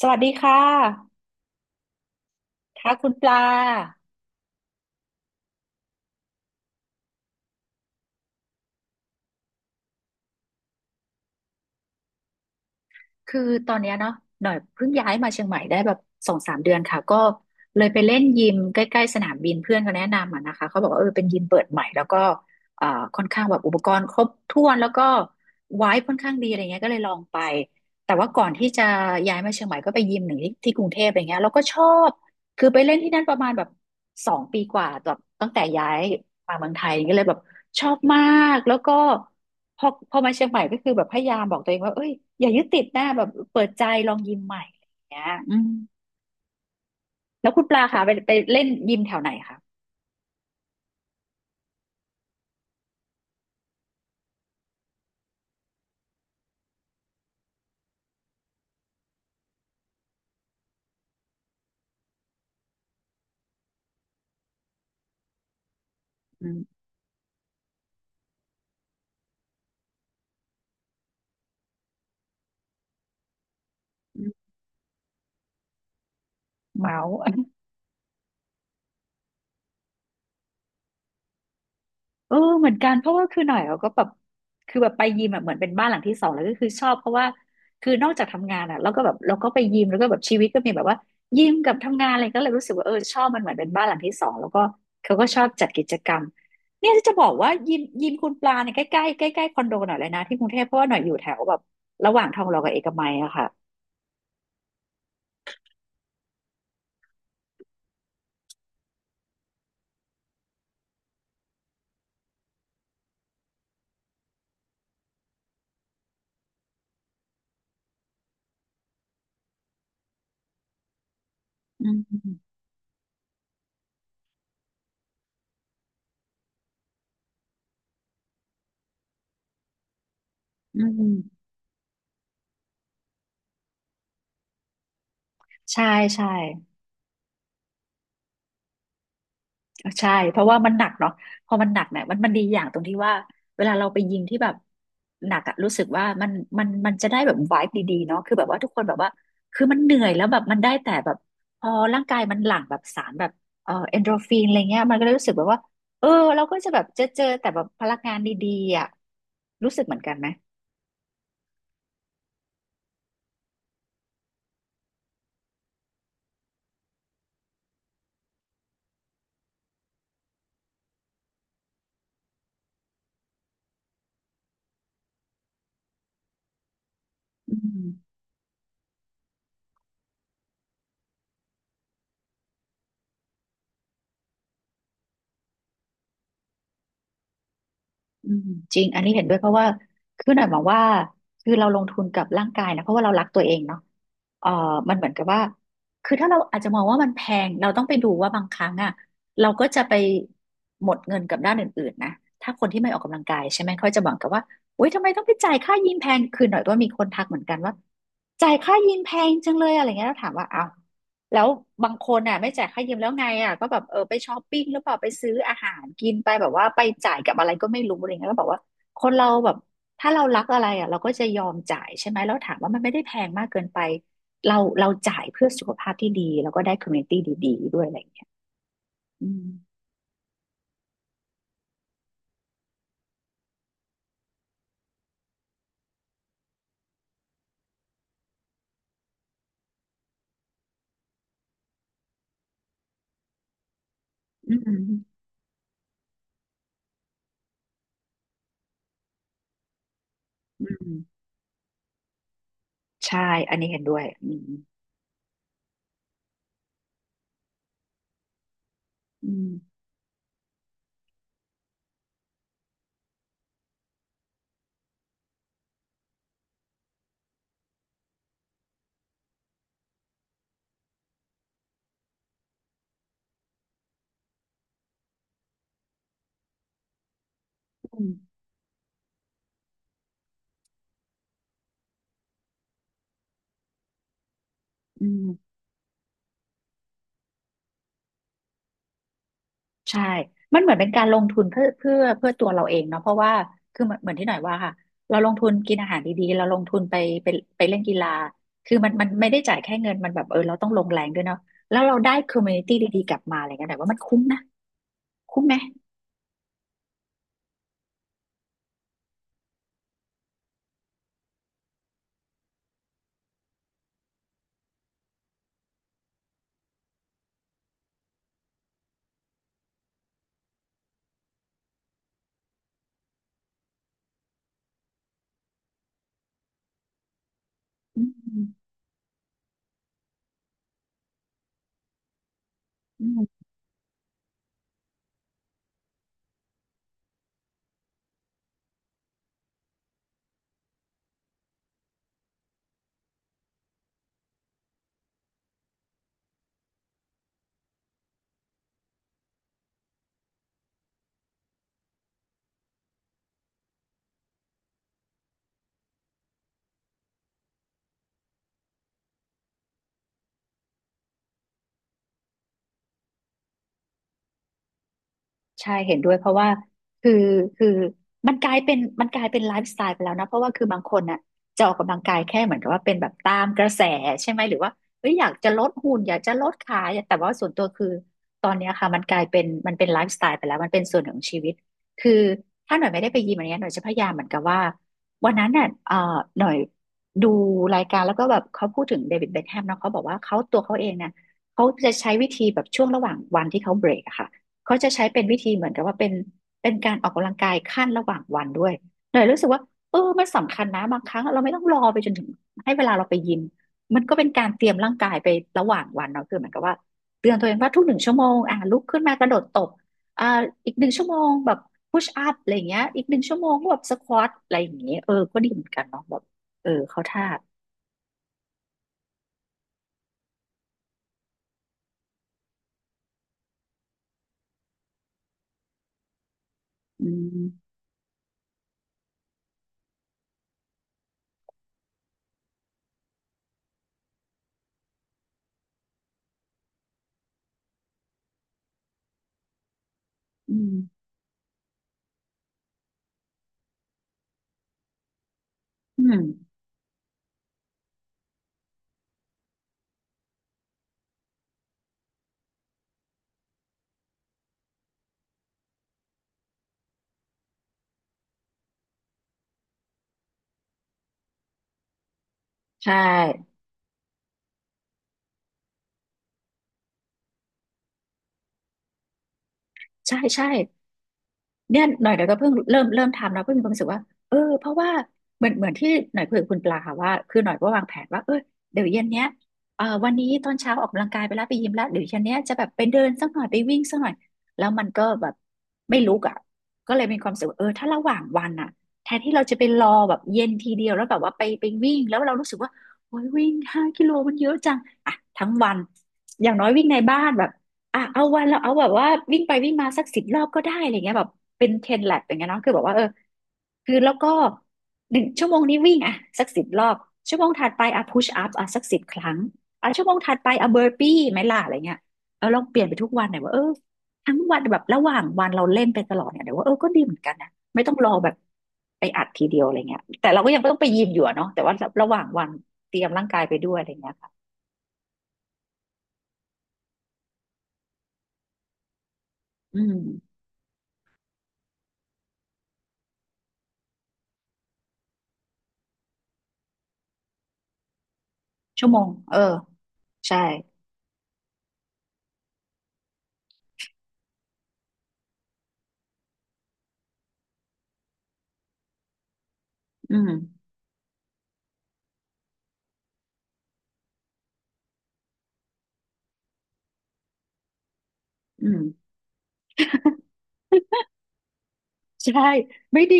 สวัสดีค่ะค่ะคุณปลาคือตอนเนี้ยเนาะหน่อยเพิ่งย้ายมาเชียงใหม่ได้แบบ2-3 เดือนค่ะก็เลยไปเล่นยิมใกล้ๆสนามบินเพื่อนเขาแนะนำอ่ะนะคะเขาบอกว่าเออเป็นยิมเปิดใหม่แล้วก็เอ่อค่อนข้างแบบอุปกรณ์ครบถ้วนแล้วก็ไว้ค่อนข้างดีอะไรเงี้ยก็เลยลองไปแต่ว่าก่อนที่จะย้ายมาเชียงใหม่ก็ไปยิมหนึ่งที่ที่กรุงเทพอะไรเงี้ยแล้วก็ชอบคือไปเล่นที่นั่นประมาณแบบ2 ปีกว่าแบบตั้งแต่ย้ายมาเมืองไทยก็เลยแบบชอบมากแล้วก็ พอมาเชียงใหม่ก็คือแบบพยายามบอกตัวเองว่าเอ้ยอย่ายึดติดหน้าแบบเปิดใจลองยิมใหม่อะไรอย่างเงี้ยอืมแล้วคุณปลาคะไปเล่นยิมแถวไหนคะอืมเมาส์ เออเหมือนกันเพราะว่าคือหน่อยเราก็แบบคือแบบไปยิมอะเหมือนเป็นบ้านหลังที่สองแล้วก็คือชอบเพราะว่าคือนอกจากทำงานอะเราก็แบบเราก็ไปยิมแล้วก็แบบชีวิตก็มีแบบว่ายิมกับทำงานอะไรก็เลยรู้สึกว่าเออชอบมันเหมือนเป็นบ้านหลังที่สองแล้วก็เขาก็ชอบจัดกิจกรรมเนี่ยจะบอกว่ายิมคุณปลาเนี่ยใกล้ใกล้ใกล้ใกล้ๆคอนโดหน่อยเลยนะที่กรุงเทพเพราะว่าหน่อยอยู่แถวแบบระหว่างทองหล่อกับเอกมัยอะค่ะอืมอืมใช่ใช่ ใช่ เพราะว่ามันหนักเนาะพอมันหนักเนี่ยมันดีอย่างตรงที่ว่าเวลาเราไปยิงที่แบบหนักอะรู้สึกว่ามันมันจะได้แบบไวบ์ดีๆเนาะคือแบบว่าทุกคนแบบว่าคือมันเหนื่อยแล้วแบบมันได้แต่แบบพอร่างกายมันหลั่งแบบสารแบบเอนโดรฟินอะไรเงี้ยมันก็เลยรู้สึกแบบว่าเออเราก็จะแบบเจอแต่แบบพลังงานดีๆอะรู้สึกเหมือนกันไหมอืม อืมจริงอันนี้เห็นด้วยเพราะว่าคือหน่อยมองว่าคือเราลงทุนกับร่างกายนะเพราะว่าเรารักตัวเองเนาะเออมันเหมือนกับว่าคือถ้าเราอาจจะมองว่ามันแพงเราต้องไปดูว่าบางครั้งอ่ะเราก็จะไปหมดเงินกับด้านอื่นๆนะถ้าคนที่ไม่ออกกำลังกายใช่ไหมเขาจะบอกกับว่าโอ๊ยทำไมต้องไปจ่ายค่ายิมแพงคือหน่อยว่ามีคนทักเหมือนกันว่าจ่ายค่ายิมแพงจังเลยอะไรเงี้ยแล้วถามว่าเอา แล้วบางคนอ่ะไม่จ่ายค่ายืมแล้วไงอ่ะก็แบบเออไปช้อปปิ้งหรือเปล่าไปซื้ออาหารกินไปแบบว่าไปจ่ายกับอะไรก็ไม่รู้อะไรเงี้ยก็บอกว่าคนเราแบบถ้าเรารักอะไรอ่ะเราก็จะยอมจ่ายใช่ไหมแล้วถามว่ามันไม่ได้แพงมากเกินไปเราจ่ายเพื่อสุขภาพที่ดีแล้วก็ได้คอมมูนิตี้ดีๆด้วยอะไรอย่างเงี้ยอืมอืมอืมใช่อันนี้เห็นด้วยอืมอืมอืมอืม ใช่ มันเหมือนเป็นการลงทุนเพื่อตัวเราเองเนาะเพราะว่าคือเหมือนที่หน่อยว่าค่ะเราลงทุนกินอาหารดีๆ เราลงทุนไปไปเล่นกีฬาคือมันไม่ได้จ่ายแค่เงินมันแบบเออเราต้องลงแรงด้วยเนาะแล้วเราได้คอมมูนิตี้ดีๆกลับมาอะไรเงี้ยหน่อยว่ามันคุ้มนะคุ้มไหมอืมอืม ใช่เห็นด้วยเพราะว่าคือคือมันกลายเป็นมันกลายเป็นไลฟ์สไตล์ไปแล้วนะเพราะว่าคือบางคนน่ะจะออกกำลังกายแค่เหมือนกับว่าเป็นแบบตามกระแสใช่ไหมหรือว่าเอ้ยอยากจะลดหุ่นอยากจะลดขาอยากแต่ว่าส่วนตัวคือตอนเนี้ยค่ะมันกลายเป็นมันเป็นไลฟ์สไตล์ไปแล้วมันเป็นส่วนหนึ่งของชีวิตคือถ้าหน่อยไม่ได้ไปยิมอันเนี้ยหน่อยจะพยายามเหมือนกับว่าวันนั้นน่ะหน่อยดูรายการแล้วก็แบบเขาพูดถึงเดวิดเบ็คแฮมเนาะเขาบอกว่าเขาตัวเขาเองเนี่ยเขาจะใช้วิธีแบบช่วงระหว่างวันที่เขาเบรกอะค่ะ เขาจะใช้เป็นวิธีเหมือนกับว่าเป็นการออกกำลังกายขั้นระหว่างวันด้วยหน่อยรู้สึกว่าเออมันสำคัญนะบางครั้งเราไม่ต้องรอไปจนถึงให้เวลาเราไปยิมมันก็เป็นการเตรียมร่างกายไประหว่างวันเนาะคือเหมือนกับว่าเตือนตัวเองว่าทุกหนึ่งชั่วโมงอ่ะลุกขึ้นมากระโดดตบอ่าอีกหนึ่งชั่วโมงแบบพุชอัพอะไรอย่างเงี้ยอีกหนึ่งชั่วโมงก็แบบสควอตอะไรอย่างเงี้ยเออก็ดีเหมือนกันเนาะแบบเออเขาท่าอืมอืมอืมใช่ใช่ใช่ เนี่ยหน่อยเดี๋ยวก็เพิ่งเริ่มทำแล้วเพิ่งมีความรู้สึกว่าเออเพราะว่าเหมือนที่หน่อยคุยกับคุณปลาค่ะว่าคือหน่อยก็วางแผนว่าเออเดี๋ยวเย็นเนี้ยวันนี้ตอนเช้าออกกำลังกายไปแล้วไปยิมแล้วเดี๋ยวเย็นเนี้ยจะแบบไปเดินสักหน่อยไปวิ่งสักหน่อยแล้วมันก็แบบไม่ลุกอ่ะก็เลยมีความรู้สึกว่าเออถ้าระหว่างวันอ่ะแทนที่เราจะไปรอแบบเย็นทีเดียวแล้วแบบว่าไปวิ่งแล้วเรารู้สึกว่าโอ้ยวิ่ง5 กิโลมันเยอะจังอ่ะทั้งวันอย่างน้อยวิ่งในบ้านแบบ อ่ะเอาวันเราเอาแบบว่าวิ่งไปวิ่งมาสักสิบรอบก็ได้อะไรเงี้ยแบบเป็นเทนแลบอย่างเงี้ยเนาะคือแบบว่าเออคือแล้วก็หนึ่งชั่วโมงนี้วิ่งอ่ะสักสิบรอบชั่วโมงถัดไปอ่ะพุชอัพอ่ะสักสิบครั้งอ่ะชั่วโมงถัดไปอ่ะเบอร์ปี้ไหมล่ะอะไรเงี้ยเออลองเปลี่ยนไปทุกวันหน่อยว่าเออทั้งวันแบบระหว่างวันเราเล่นไปตลอดเนี่ยเดี๋ยวว่าเออก็ดีเหมือนกันนะไม่ต้องรอแบบไปอัดทีเดียวอะไรเงี้ยแต่เราก็ยังไม่ต้องไปยิมอยู่อะเนาะแต่ว่าระหว่างวันเตรียมร่างกายไปด้วยอะไรเงี้ยค่ะอืมชั่วโมงเออใช่อืม อืมใช่ไม่ดี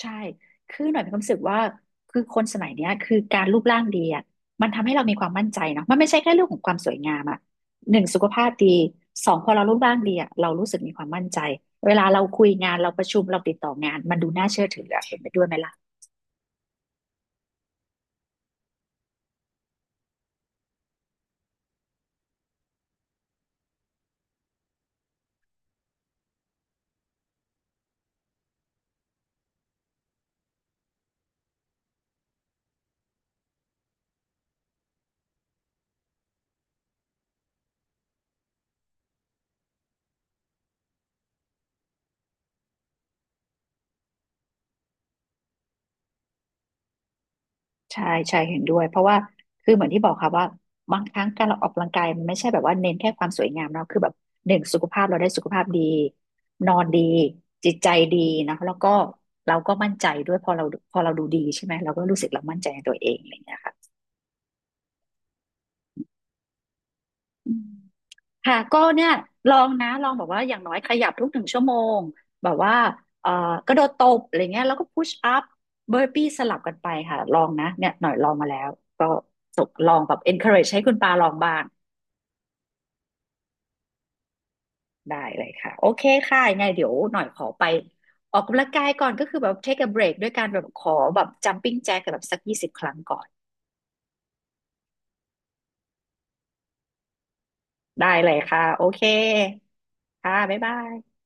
ใช่คือหน่อยมีความรู้สึกว่าคือคนสมัยเนี้ยคือการรูปร่างดีอ่ะมันทำให้เรามีความมั่นใจเนาะมันไม่ใช่แค่เรื่องของความสวยงามอ่ะหนึ่งสุขภาพดีสองพอเรารูปร่างดีอ่ะเรารู้สึกมีความมั่นใจเวลาเราคุยงานเราประชุมเราติดต่องานมันดูน่าเชื่อถืออะเห็นไปด้วยไหมล่ะ ใช่ใช่เห็นด้วยเพราะว่าคือเหมือนที่บอกค่ะว่าบางครั้งการเราออกกำลังกายมันไม่ใช่แบบว่าเน้นแค่ความสวยงามเนาะคือแบบหนึ่งสุขภาพเราได้สุขภาพดีนอนดีจิตใจดีนะแล้วก็เราก็มั่นใจด้วยพอเราดูดีใช่ไหมเราก็รู้สึกเรามั่นใจในตัวเองอะไรอย่างเงี้ยค่ะอืม ค่ะก็เนี่ยลองนะลองแบบว่าอย่างน้อยขยับทุกหนึ่งชั่วโมงแบบว่าเอ่อกระโดดตบอะไรเงี้ยแล้วก็พุชอัพเบอร์ปี้สลับกันไปค่ะลองนะเนี่ยหน่อยลองมาแล้วก็ส่งลองแบบ encourage ให้คุณปาลองบ้างได้เลยค่ะโอเคค่ะยังไงเดี๋ยวหน่อยขอไปออกกำลังกายก่อนก็คือแบบ take a break ด้วยการแบบขอแบบ jumping jack แบบสัก20 ครั้งก่อนได้เลยค่ะโอเคค่ะบ๊ายบาย